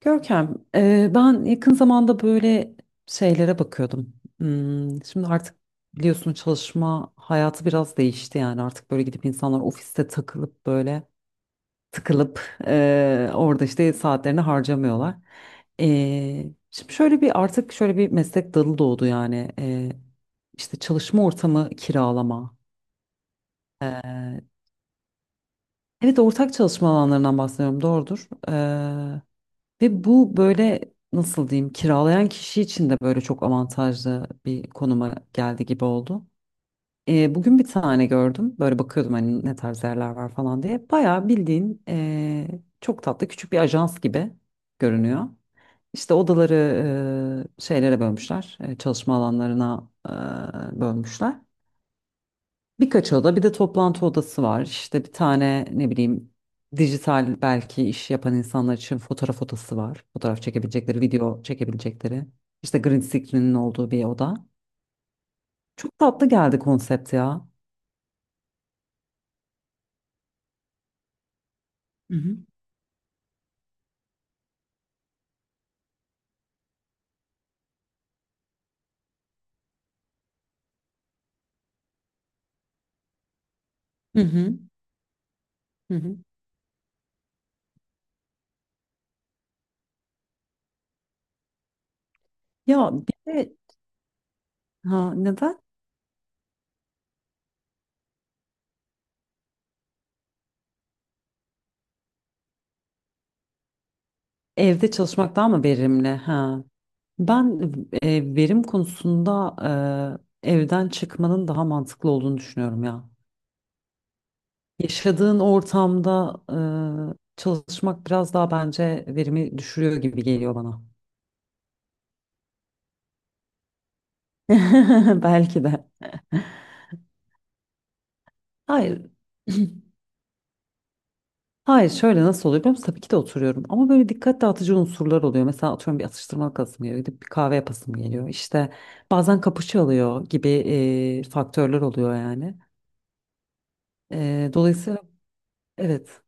Görkem, ben yakın zamanda böyle şeylere bakıyordum. Şimdi artık biliyorsun, çalışma hayatı biraz değişti. Yani artık böyle gidip insanlar ofiste takılıp böyle tıkılıp orada işte saatlerini harcamıyorlar. E, Şimdi şöyle bir, artık şöyle bir meslek dalı doğdu yani, işte çalışma ortamı kiralama. E, evet, ortak çalışma alanlarından bahsediyorum, doğrudur. Ve bu böyle, nasıl diyeyim, kiralayan kişi için de böyle çok avantajlı bir konuma geldi gibi oldu. Bugün bir tane gördüm. Böyle bakıyordum, hani ne tarz yerler var falan diye. Bayağı bildiğin çok tatlı küçük bir ajans gibi görünüyor. İşte odaları şeylere bölmüşler. Çalışma alanlarına bölmüşler. Birkaç oda, bir de toplantı odası var. İşte bir tane, ne bileyim, dijital belki iş yapan insanlar için fotoğraf odası var. Fotoğraf çekebilecekleri, video çekebilecekleri. İşte green screen'in olduğu bir oda. Çok tatlı geldi konsept ya. Hı hı. Hı hı. Hı hı. Ya bir de, ha neden? Evde çalışmak daha mı verimli? Ha. Ben verim konusunda, evden çıkmanın daha mantıklı olduğunu düşünüyorum ya. Yaşadığın ortamda çalışmak biraz daha, bence, verimi düşürüyor gibi geliyor bana. Belki de. Hayır. Hayır, şöyle nasıl oluyor biliyor musun? Tabii ki de oturuyorum ama böyle dikkat dağıtıcı unsurlar oluyor. Mesela atıyorum bir atıştırmalık asım geliyor, gidip bir kahve yapasım geliyor. İşte bazen kapışı alıyor gibi faktörler oluyor yani. Dolayısıyla, evet.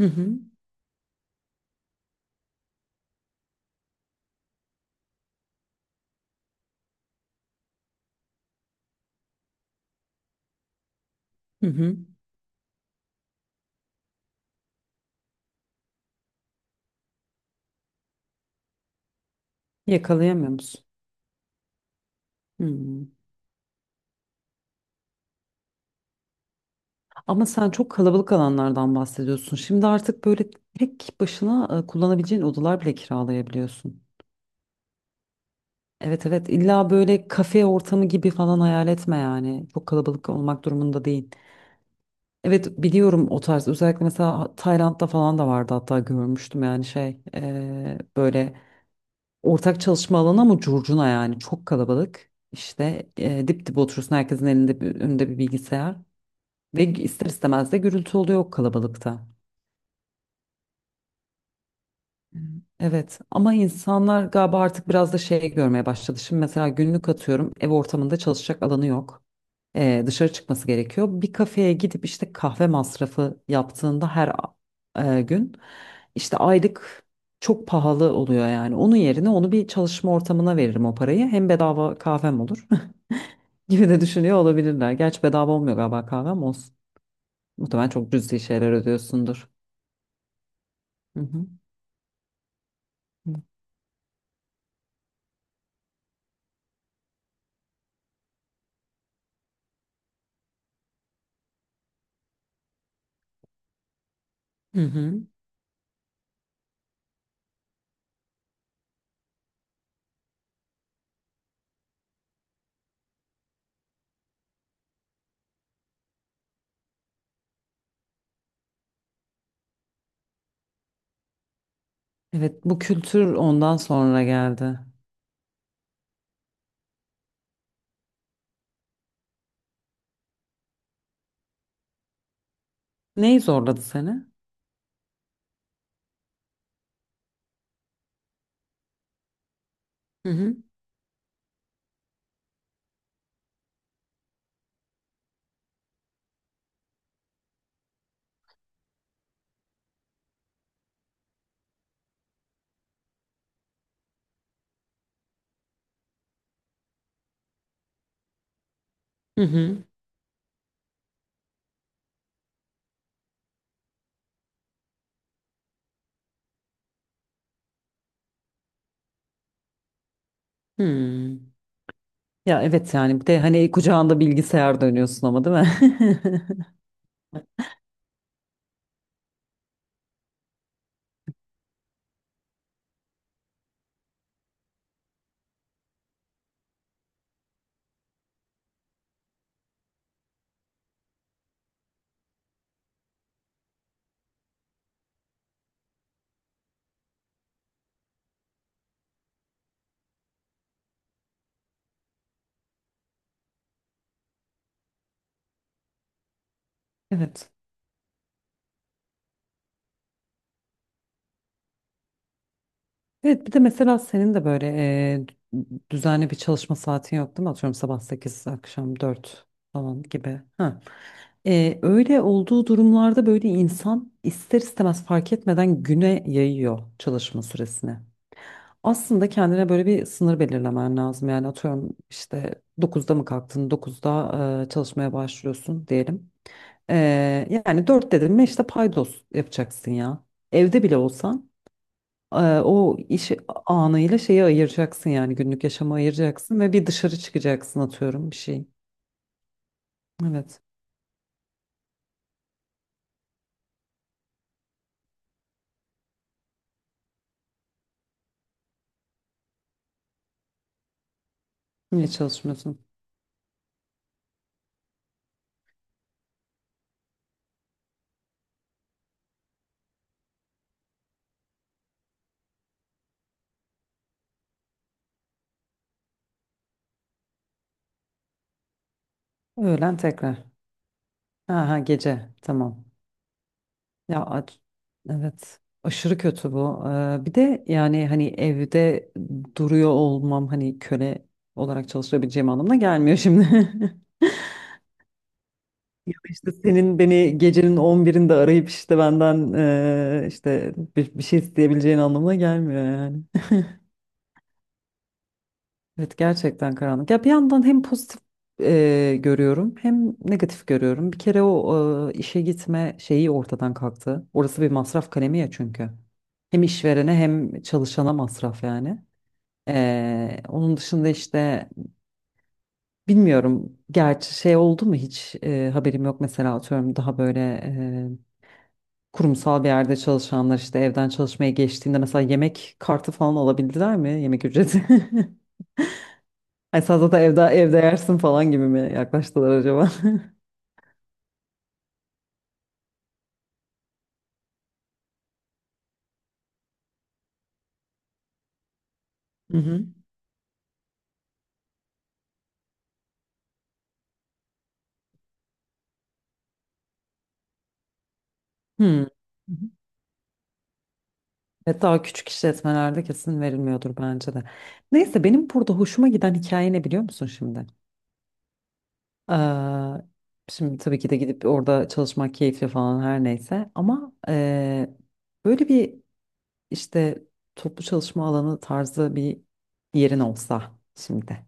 Hı hı, hı hı. Yakalayamıyor musun? Hı. Ama sen çok kalabalık alanlardan bahsediyorsun. Şimdi artık böyle tek başına kullanabileceğin odalar bile kiralayabiliyorsun. Evet evet, illa böyle kafe ortamı gibi falan hayal etme yani. Çok kalabalık olmak durumunda değil. Evet, biliyorum o tarz, özellikle mesela Tayland'da falan da vardı, hatta görmüştüm. Yani şey, böyle ortak çalışma alanı ama curcuna yani, çok kalabalık. İşte dip dip oturuyorsun, herkesin elinde bir, önünde bir bilgisayar ve ister istemez de gürültü oluyor o kalabalıkta. Evet ama insanlar galiba artık biraz da şey görmeye başladı. Şimdi mesela günlük, atıyorum, ev ortamında çalışacak alanı yok. Dışarı çıkması gerekiyor. Bir kafeye gidip işte kahve masrafı yaptığında, gün, işte aylık, çok pahalı oluyor yani. Onun yerine onu bir çalışma ortamına veririm o parayı. Hem bedava kahvem olur, gibi de düşünüyor olabilirler. Gerçi bedava olmuyor galiba, kahvem olsun. Muhtemelen çok cüzi şeyler ödüyorsundur. Hı hı. Hı hı. Evet, bu kültür ondan sonra geldi. Neyi zorladı seni? Hı hı. Hı hı. Hmm. Ya evet, yani bir de hani kucağında bilgisayar dönüyorsun ama değil mi? Evet. Evet, bir de mesela senin de böyle düzenli bir çalışma saatin yok değil mi? Atıyorum sabah 8, akşam 4 falan gibi. Ha. Öyle olduğu durumlarda böyle insan ister istemez, fark etmeden, güne yayıyor çalışma süresini. Aslında kendine böyle bir sınır belirlemen lazım. Yani atıyorum, işte dokuzda mı kalktın, dokuzda çalışmaya başlıyorsun diyelim. E, Yani 4 dedim mi, işte paydos yapacaksın ya. Evde bile olsan, e, o iş anıyla şeyi ayıracaksın, yani günlük yaşamı ayıracaksın ve bir dışarı çıkacaksın, atıyorum, bir şey. Evet. Niye çalışmıyorsun? Öğlen tekrar. Aha gece, tamam. Ya evet, aşırı kötü bu. Bir de yani hani evde duruyor olmam, hani köle olarak çalışabileceğim anlamına gelmiyor şimdi. Ya işte senin beni gecenin on birinde arayıp işte benden, işte bir şey isteyebileceğin anlamına gelmiyor yani. Evet, gerçekten karanlık. Ya bir yandan hem pozitif görüyorum, hem negatif görüyorum. Bir kere o işe gitme şeyi ortadan kalktı. Orası bir masraf kalemi ya çünkü. Hem işverene hem çalışana masraf yani. Onun dışında işte bilmiyorum, gerçi şey oldu mu hiç, haberim yok. Mesela atıyorum daha böyle e, kurumsal bir yerde çalışanlar işte evden çalışmaya geçtiğinde mesela yemek kartı falan alabildiler mi? Yemek ücreti. Ay salata evde, evde yersin falan gibi mi yaklaştılar acaba? Hı hı. Hmm. Evet, daha küçük işletmelerde kesin verilmiyordur bence de. Neyse, benim burada hoşuma giden hikaye ne biliyor musun şimdi? Ee, Şimdi tabii ki de gidip orada çalışmak keyifli falan, her neyse, ama böyle bir, işte toplu çalışma alanı tarzı bir yerin olsa şimdi.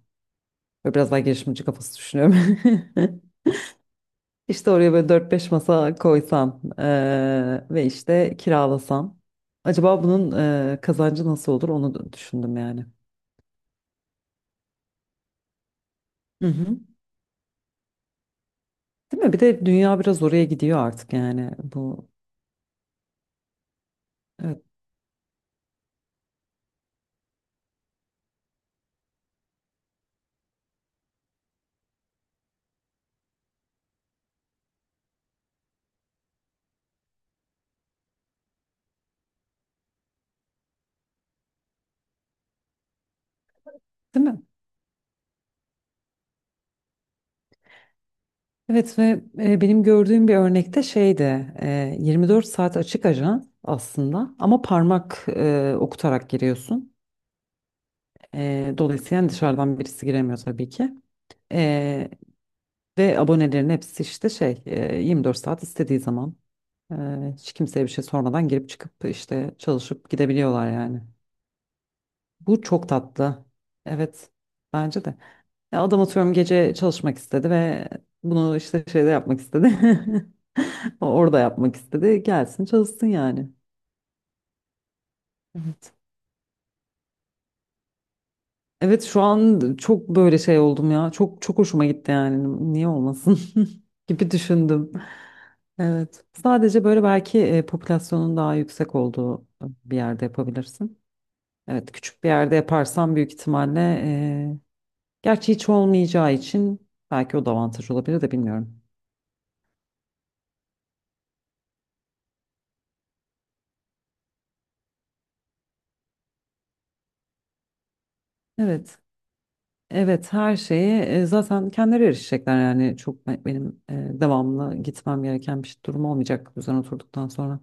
Böyle biraz daha girişimci kafası düşünüyorum. İşte oraya böyle dört beş masa koysam ve işte kiralasam. Acaba bunun kazancı nasıl olur, onu da düşündüm yani. Hı hı. Değil mi? Bir de dünya biraz oraya gidiyor artık, yani bu. Evet, değil mi? Evet, ve benim gördüğüm bir örnekte şeydi, 24 saat açık ajans aslında ama parmak okutarak giriyorsun. Dolayısıyla yani dışarıdan birisi giremiyor tabii ki. E, Ve abonelerin hepsi işte şey, 24 saat, istediği zaman, hiç kimseye bir şey sormadan girip çıkıp işte çalışıp gidebiliyorlar yani. Bu çok tatlı. Evet, bence de. Ya adam, atıyorum, gece çalışmak istedi ve bunu işte şeyde yapmak istedi. Orada yapmak istedi. Gelsin çalışsın yani. Evet. Evet, şu an çok böyle şey oldum ya. Çok çok hoşuma gitti yani. Niye olmasın, gibi düşündüm. Evet. Sadece böyle belki popülasyonun daha yüksek olduğu bir yerde yapabilirsin. Evet, küçük bir yerde yaparsam büyük ihtimalle eee, gerçi hiç olmayacağı için belki o da avantaj olabilir, de bilmiyorum. Evet, evet, her şeyi zaten kendileri erişecekler yani, çok benim devamlı gitmem gereken bir durum olmayacak üzerine oturduktan sonra.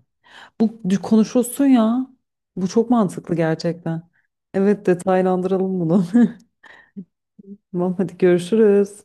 Bu konuşulsun ya. Bu çok mantıklı gerçekten. Evet, detaylandıralım bunu. Tamam hadi görüşürüz.